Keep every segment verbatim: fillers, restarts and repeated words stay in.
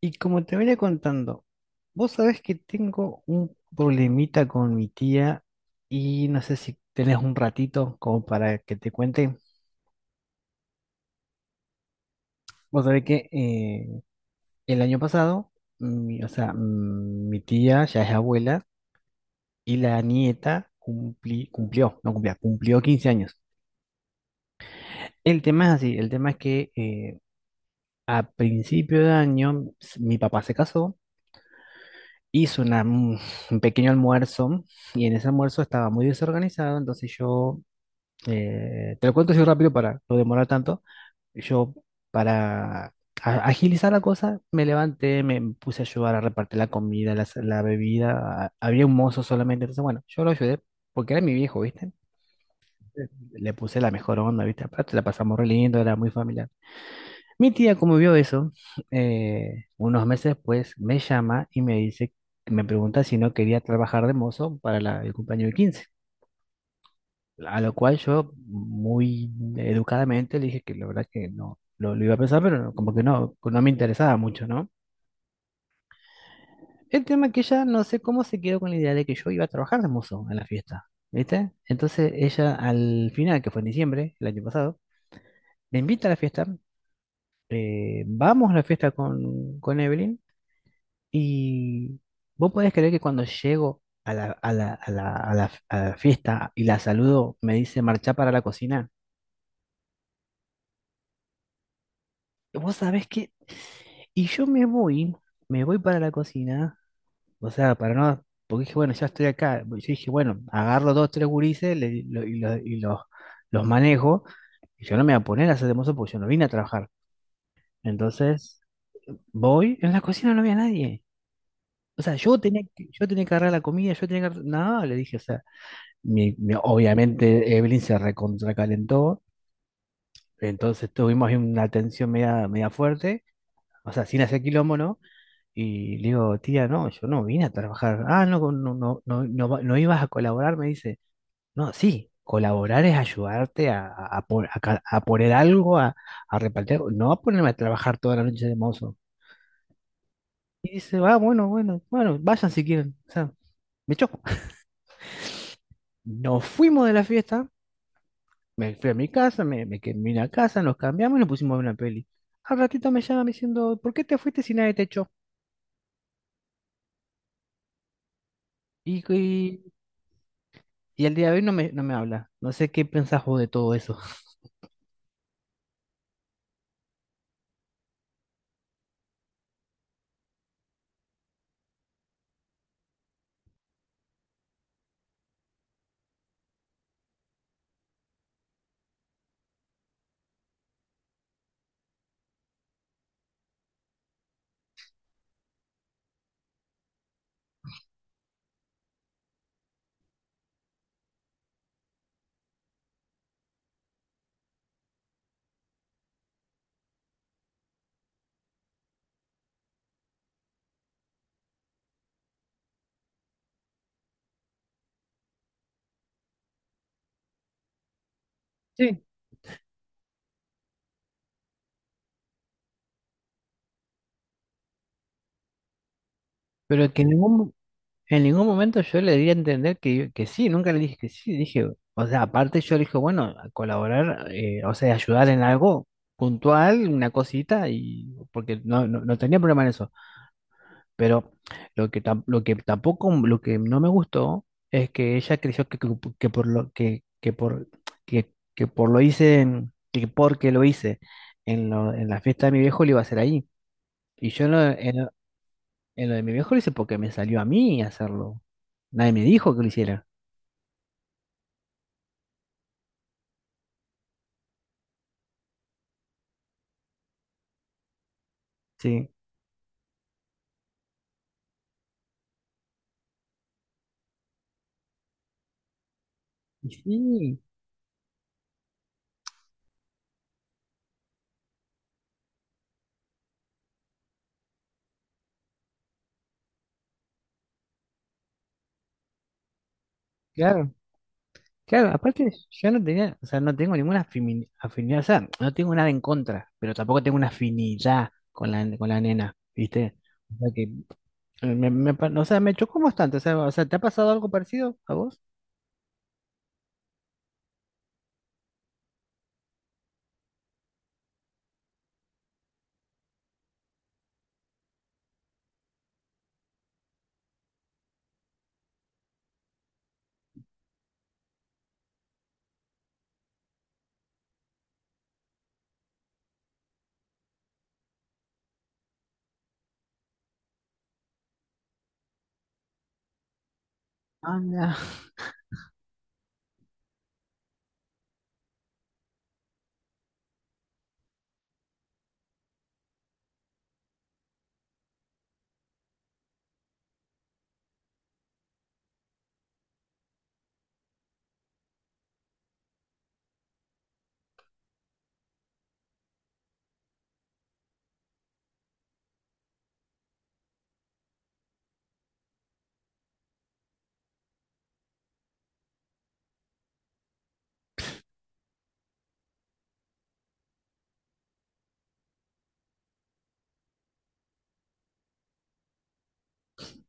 Y como te venía contando, vos sabés que tengo un problemita con mi tía y no sé si tenés un ratito como para que te cuente. Vos sabés que eh, el año pasado, mi, o sea, mm, mi tía ya es abuela y la nieta cumpli- cumplió, no cumplía, cumplió quince años. El tema es así, el tema es que eh, a principio de año s- mi papá se casó, hizo una, un un pequeño almuerzo y en ese almuerzo estaba muy desorganizado, entonces yo, eh, te lo cuento así rápido para no demorar tanto, yo para a- agilizar la cosa me levanté, me puse a ayudar a repartir la comida, la, la bebida, a- había un mozo solamente, entonces bueno, yo lo ayudé porque era mi viejo, ¿viste? Le puse la mejor onda, ¿viste? Aparte la pasamos re lindo, era muy familiar. Mi tía, como vio eso, eh, unos meses después me llama y me dice, me pregunta si no quería trabajar de mozo para la- el cumpleaños de quince. A lo cual yo, muy educadamente, le dije que la verdad que no lo, lo iba a pensar, pero no, como que no, no me interesaba mucho, ¿no? El tema es que ella no sé cómo se quedó con la idea de que yo iba a trabajar de mozo en la fiesta, ¿viste? Entonces ella al final, que fue en diciembre, el año pasado, me invita a la fiesta, eh, vamos a la fiesta con, con Evelyn. Y vos podés creer que cuando llego a la, a la, a la, a la, a la fiesta y la saludo, me dice marchá para la cocina. ¿Vos sabés qué? Y yo me voy, me voy para la cocina, o sea, para no, porque dije, bueno, ya estoy acá. Yo dije, bueno, agarro dos, tres gurises le- lo- y, lo- y los, los manejo. Y yo no me voy a poner a hacer de mozo porque yo no vine a trabajar. Entonces, voy, en la cocina no había nadie. O sea, yo tenía que, yo tenía que agarrar la comida, yo tenía que agarrar. No, le dije, o sea, mi- mi- obviamente Evelyn se recontracalentó, entonces tuvimos ahí una tensión media, media fuerte, o sea, sin hacer quilombo, ¿no? Y le digo, tía, no, yo no vine a trabajar. Ah, no, no, no, no, no, va- no ibas a colaborar, me dice. No, sí, colaborar es ayudarte a, a, a pon- a ca- a poner algo, a, a repartir algo, no a ponerme a trabajar toda la noche de mozo. Y dice, va, bueno, bueno, bueno, vayan si quieren, o sea, me choco. Nos fuimos de la fiesta. Me fui a mi casa, me, me quedé, vine a casa, nos cambiamos y nos pusimos a ver una peli. Al ratito me llama diciendo, ¿por qué te fuiste si nadie te echó? Y, y, y el día de hoy no me, no me habla. No sé qué pensás vos de todo eso. Sí. Pero que en ningún, mo- en ningún momento yo le di a entender que, yo- que sí, nunca le dije que sí. Dije, o sea, aparte yo le dije, bueno, a colaborar, eh, o sea, ayudar en algo puntual, una cosita, y porque no, no, no tenía problema en eso. Pero lo que, tam- lo que tampoco, lo que no me gustó es que ella creyó que, que, que por lo que, que por que, que por lo hice en- que porque lo hice en, lo- en la fiesta de mi viejo lo iba a hacer ahí. Y yo en lo, en lo- en lo de mi viejo lo hice porque me salió a mí hacerlo. Nadie me dijo que lo hiciera. Sí. Y sí, claro, claro. Aparte, yo no tenía, o sea, no tengo ninguna afimi- afinidad, o sea, no tengo nada en contra, pero tampoco tengo una afinidad con la, con la nena, ¿viste? Me, me pa- o sea, me chocó bastante. O sea, o sea, ¿te ha pasado algo parecido a vos? Ah, ya.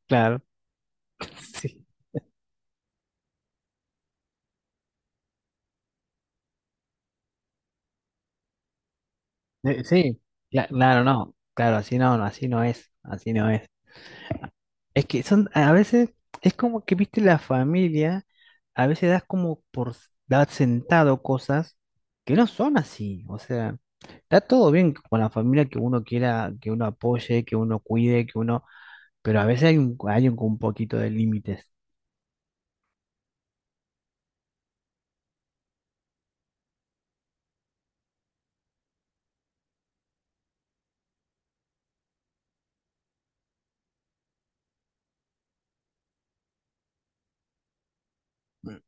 Claro, sí. Eh, sí, cla- claro, no. Claro, así no, no, así no es. Así no es. Es que son, a veces, es como que, viste, la familia, a veces das como por s- dar sentado cosas que no son así. O sea, está todo bien con la familia que uno quiera, que uno apoye, que uno cuide, que uno, pero a veces hay un, hay un, un poquito de límites. Mm.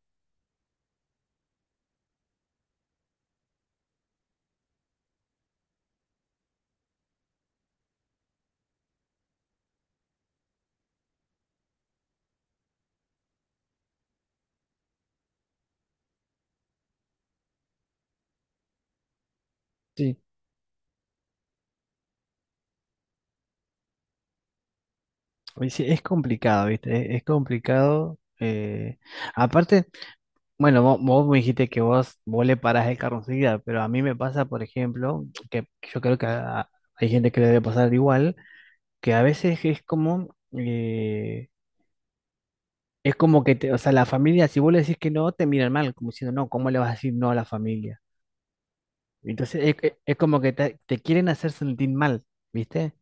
Sí. Pues sí, es complicado, ¿viste? Es, es complicado. eh, aparte, bueno, vo- vos, me dijiste que vos, vos le parás el carro enseguida, pero a mí me pasa, por ejemplo, que yo creo que a- hay gente que le debe pasar igual, que a veces es como, eh, es como que, te- o sea, la familia, si vos le decís que no, te miran mal, como diciendo, no, ¿cómo le vas a decir no a la familia? Entonces, es, es- es como que te, te quieren hacer sentir mal, ¿viste?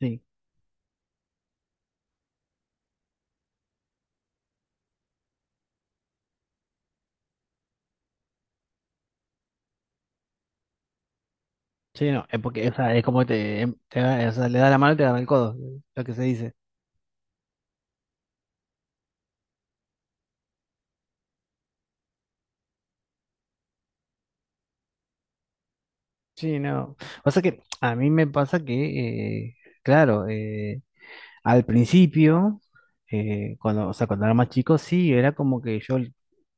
Sí, sí, no, es porque, o sea, es como te, em, te- da- o sea, le da la mano y te da el codo, lo que se dice. Sí, no. Pasa que a mí me pasa que, eh, claro, eh, al principio, eh, cuando, o sea, cuando era más chico, sí, era como que yo l-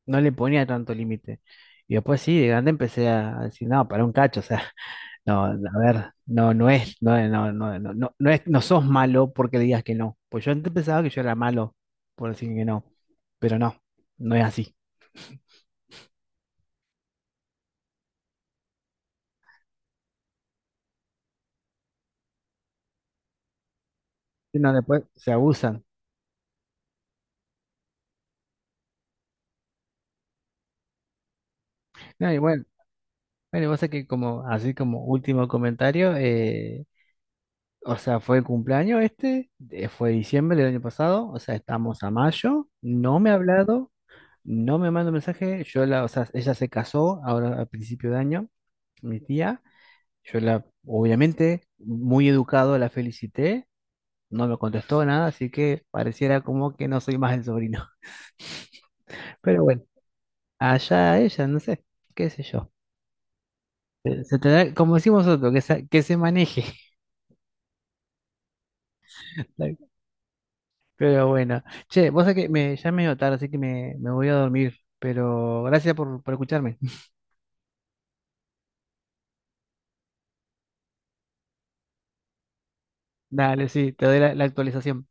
no le ponía tanto límite. Y después sí, de grande empecé a a decir, no, para un cacho, o sea, no, a ver, no, no es, no, es- no, no, no, no, no es, no sos malo porque digas que no. Pues yo antes pensaba que yo era malo por decir que no, pero no, no es así. No, después se abusan. No, y bueno, bueno, y pasa que como, así como último comentario, eh, o sea, fue el cumpleaños este, eh, fue diciembre del año pasado, o sea, estamos a mayo, no me ha hablado, no me manda mensaje, yo la, o sea, ella se casó ahora a principio de año, mi tía, yo la, obviamente, muy educado la felicité, no me contestó nada, así que pareciera como que no soy más el sobrino. Pero bueno, allá ella, no sé, qué sé yo. Se tendrá, como decimos nosotros, que se, que se maneje. Pero bueno, che, vos sabés que me, ya es medio tarde, así que me, me voy a dormir. Pero gracias por, por escucharme. Dale, sí, te doy la la actualización.